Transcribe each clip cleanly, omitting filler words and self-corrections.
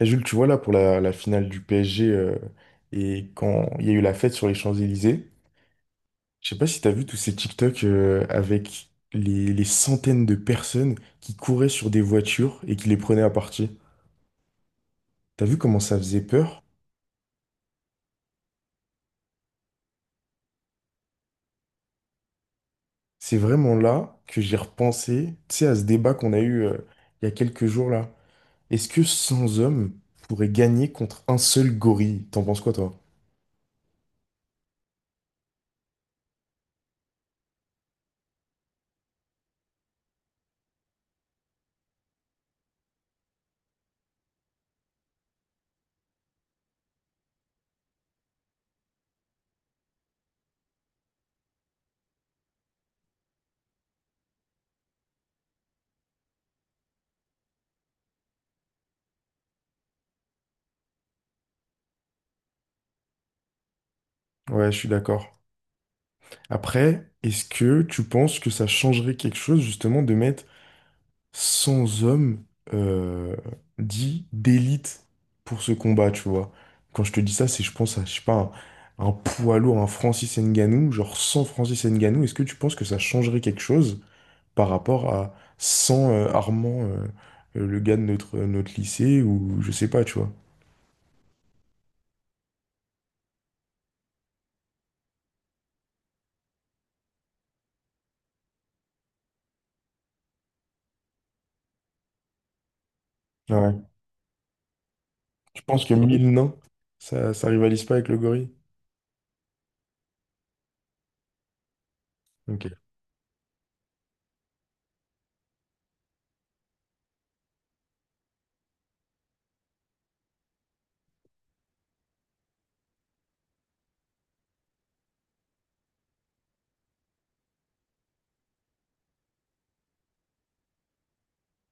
Et Jules, tu vois là pour la finale du PSG, et quand il y a eu la fête sur les Champs-Élysées, je sais pas si t'as vu tous ces TikTok, avec les centaines de personnes qui couraient sur des voitures et qui les prenaient à partie. T'as vu comment ça faisait peur? C'est vraiment là que j'ai repensé, tu sais, à ce débat qu'on a eu, il y a quelques jours là. Est-ce que 100 hommes pourraient gagner contre un seul gorille? T'en penses quoi toi? Ouais, je suis d'accord. Après, est-ce que tu penses que ça changerait quelque chose justement de mettre sans homme, euh, dit d'élite pour ce combat, tu vois. Quand je te dis ça, c'est je pense à, je sais pas, un poids lourd, un Francis Ngannou, genre sans Francis Ngannou, est-ce que tu penses que ça changerait quelque chose par rapport à sans Armand, le gars de notre lycée, ou je sais pas, tu vois. Ouais. Tu penses que mille nains, ça rivalise pas avec le gorille? Ok.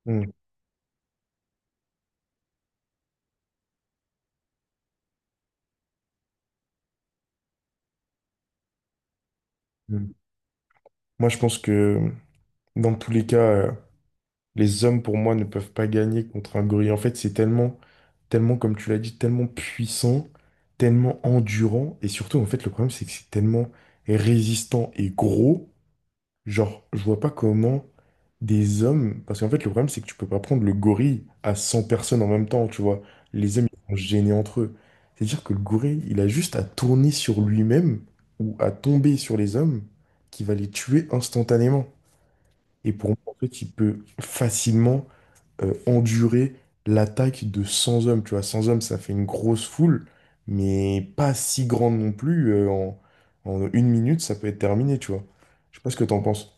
Hmm, hmm. Moi, je pense que dans tous les cas, les hommes, pour moi, ne peuvent pas gagner contre un gorille. En fait, c'est tellement, tellement, comme tu l'as dit, tellement puissant, tellement endurant. Et surtout, en fait, le problème, c'est que c'est tellement résistant et gros. Genre, je vois pas comment des hommes. Parce qu'en fait, le problème, c'est que tu peux pas prendre le gorille à 100 personnes en même temps, tu vois. Les hommes, ils sont gênés entre eux. C'est-à-dire que le gorille, il a juste à tourner sur lui-même ou à tomber sur les hommes qui va les tuer instantanément. Et pour moi, en fait, il peut facilement endurer l'attaque de 100 hommes. Tu vois, 100 hommes, ça fait une grosse foule, mais pas si grande non plus. En une minute, ça peut être terminé, tu vois. Je sais pas ce que t'en penses.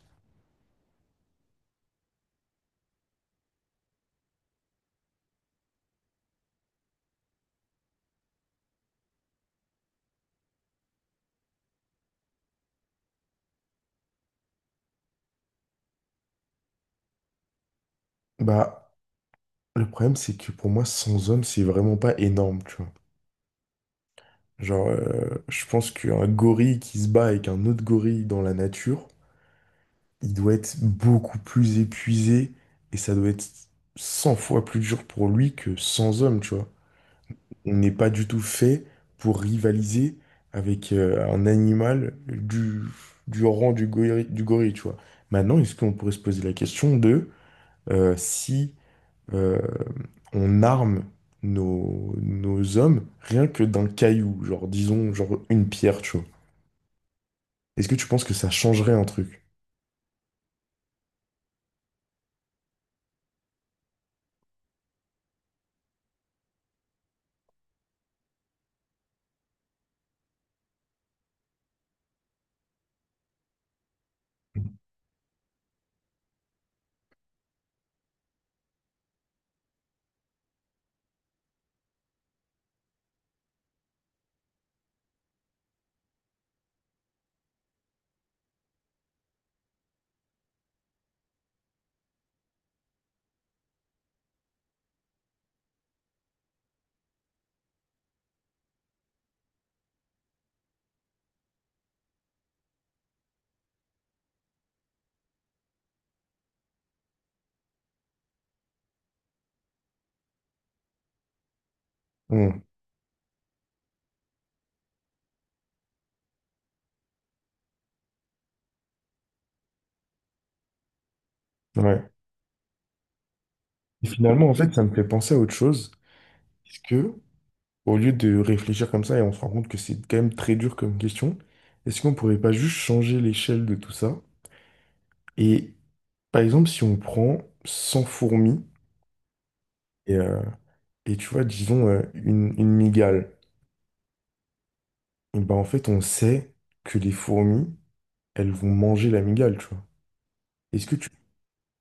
Bah, le problème, c'est que pour moi, 100 hommes, c'est vraiment pas énorme, tu vois. Genre, je pense qu'un gorille qui se bat avec un autre gorille dans la nature, il doit être beaucoup plus épuisé et ça doit être 100 fois plus dur pour lui que 100 hommes, tu vois. On n'est pas du tout fait pour rivaliser avec un animal du rang du gorille, tu vois. Maintenant, est-ce qu'on pourrait se poser la question de, si, euh, on arme nos hommes rien que d'un caillou, genre disons, genre une pierre, tu vois. Est-ce que tu penses que ça changerait un truc? Hmm, ouais. Et finalement, en fait, ça me fait penser à autre chose. Est-ce que au lieu de réfléchir comme ça, et on se rend compte que c'est quand même très dur comme question, est-ce qu'on pourrait pas juste changer l'échelle de tout ça? Et par exemple, si on prend 100 fourmis et, euh, et tu vois, disons, une migale, et ben en fait, on sait que les fourmis, elles vont manger la migale, tu vois. Est-ce que tu,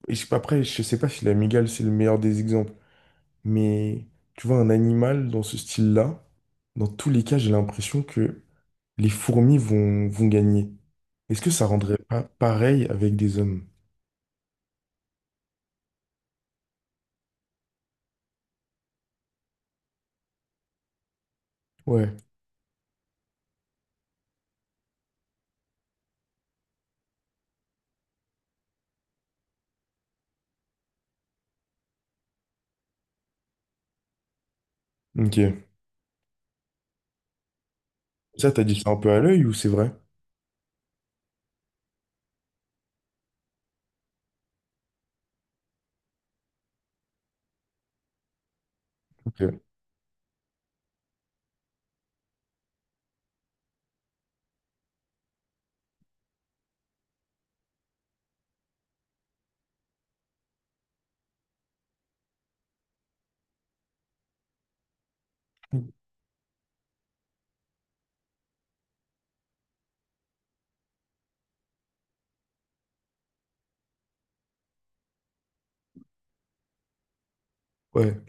est-ce que, après, je sais pas si la migale, c'est le meilleur des exemples, mais tu vois, un animal dans ce style-là, dans tous les cas, j'ai l'impression que les fourmis vont gagner. Est-ce que ça rendrait pas pareil avec des hommes? Ouais, ok. Ça, t'as dit ça un peu à l'œil ou c'est vrai? Ok. Ouais.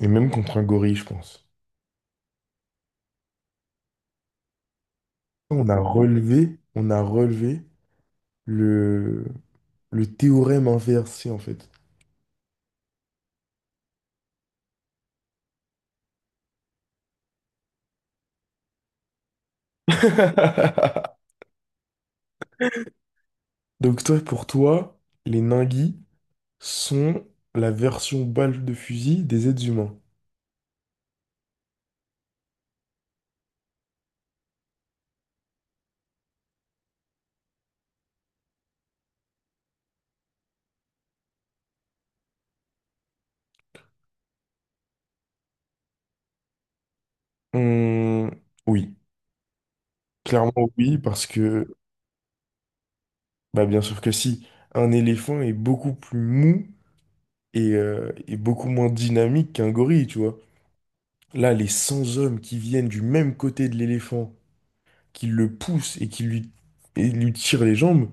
Et même contre un gorille, je pense. On a relevé le, le théorème inversé, en fait. Donc toi, pour toi, les ninguis sont la version balle de fusil des êtres humains. Hum, oui, clairement oui, parce que bah bien sûr que si, un éléphant est beaucoup plus mou et beaucoup moins dynamique qu'un gorille, tu vois. Là, les 100 hommes qui viennent du même côté de l'éléphant, qui le poussent et et lui tirent les jambes,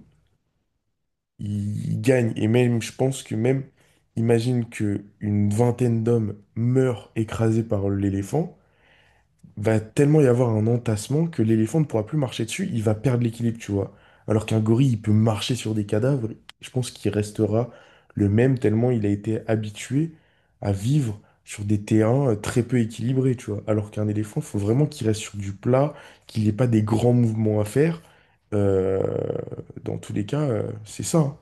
ils gagnent. Et même, je pense que même, imagine que une vingtaine d'hommes meurent écrasés par l'éléphant. Va tellement y avoir un entassement que l'éléphant ne pourra plus marcher dessus, il va perdre l'équilibre, tu vois. Alors qu'un gorille, il peut marcher sur des cadavres, je pense qu'il restera le même tellement il a été habitué à vivre sur des terrains, très peu équilibrés, tu vois. Alors qu'un éléphant, il faut vraiment qu'il reste sur du plat, qu'il n'ait pas des grands mouvements à faire. Euh, dans tous les cas, c'est ça, hein.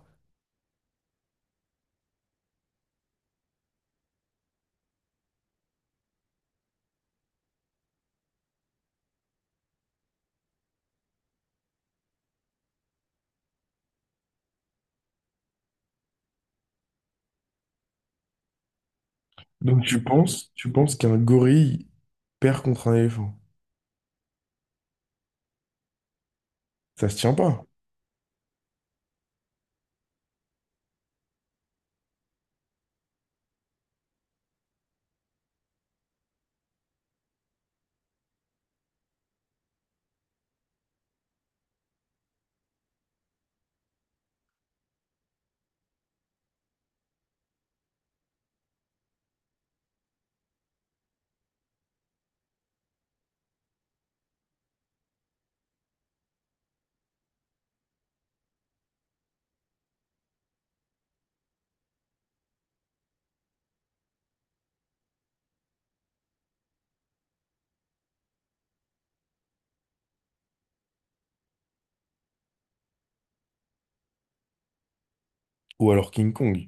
Donc tu penses qu'un gorille perd contre un éléphant? Ça se tient pas. Ou alors King Kong.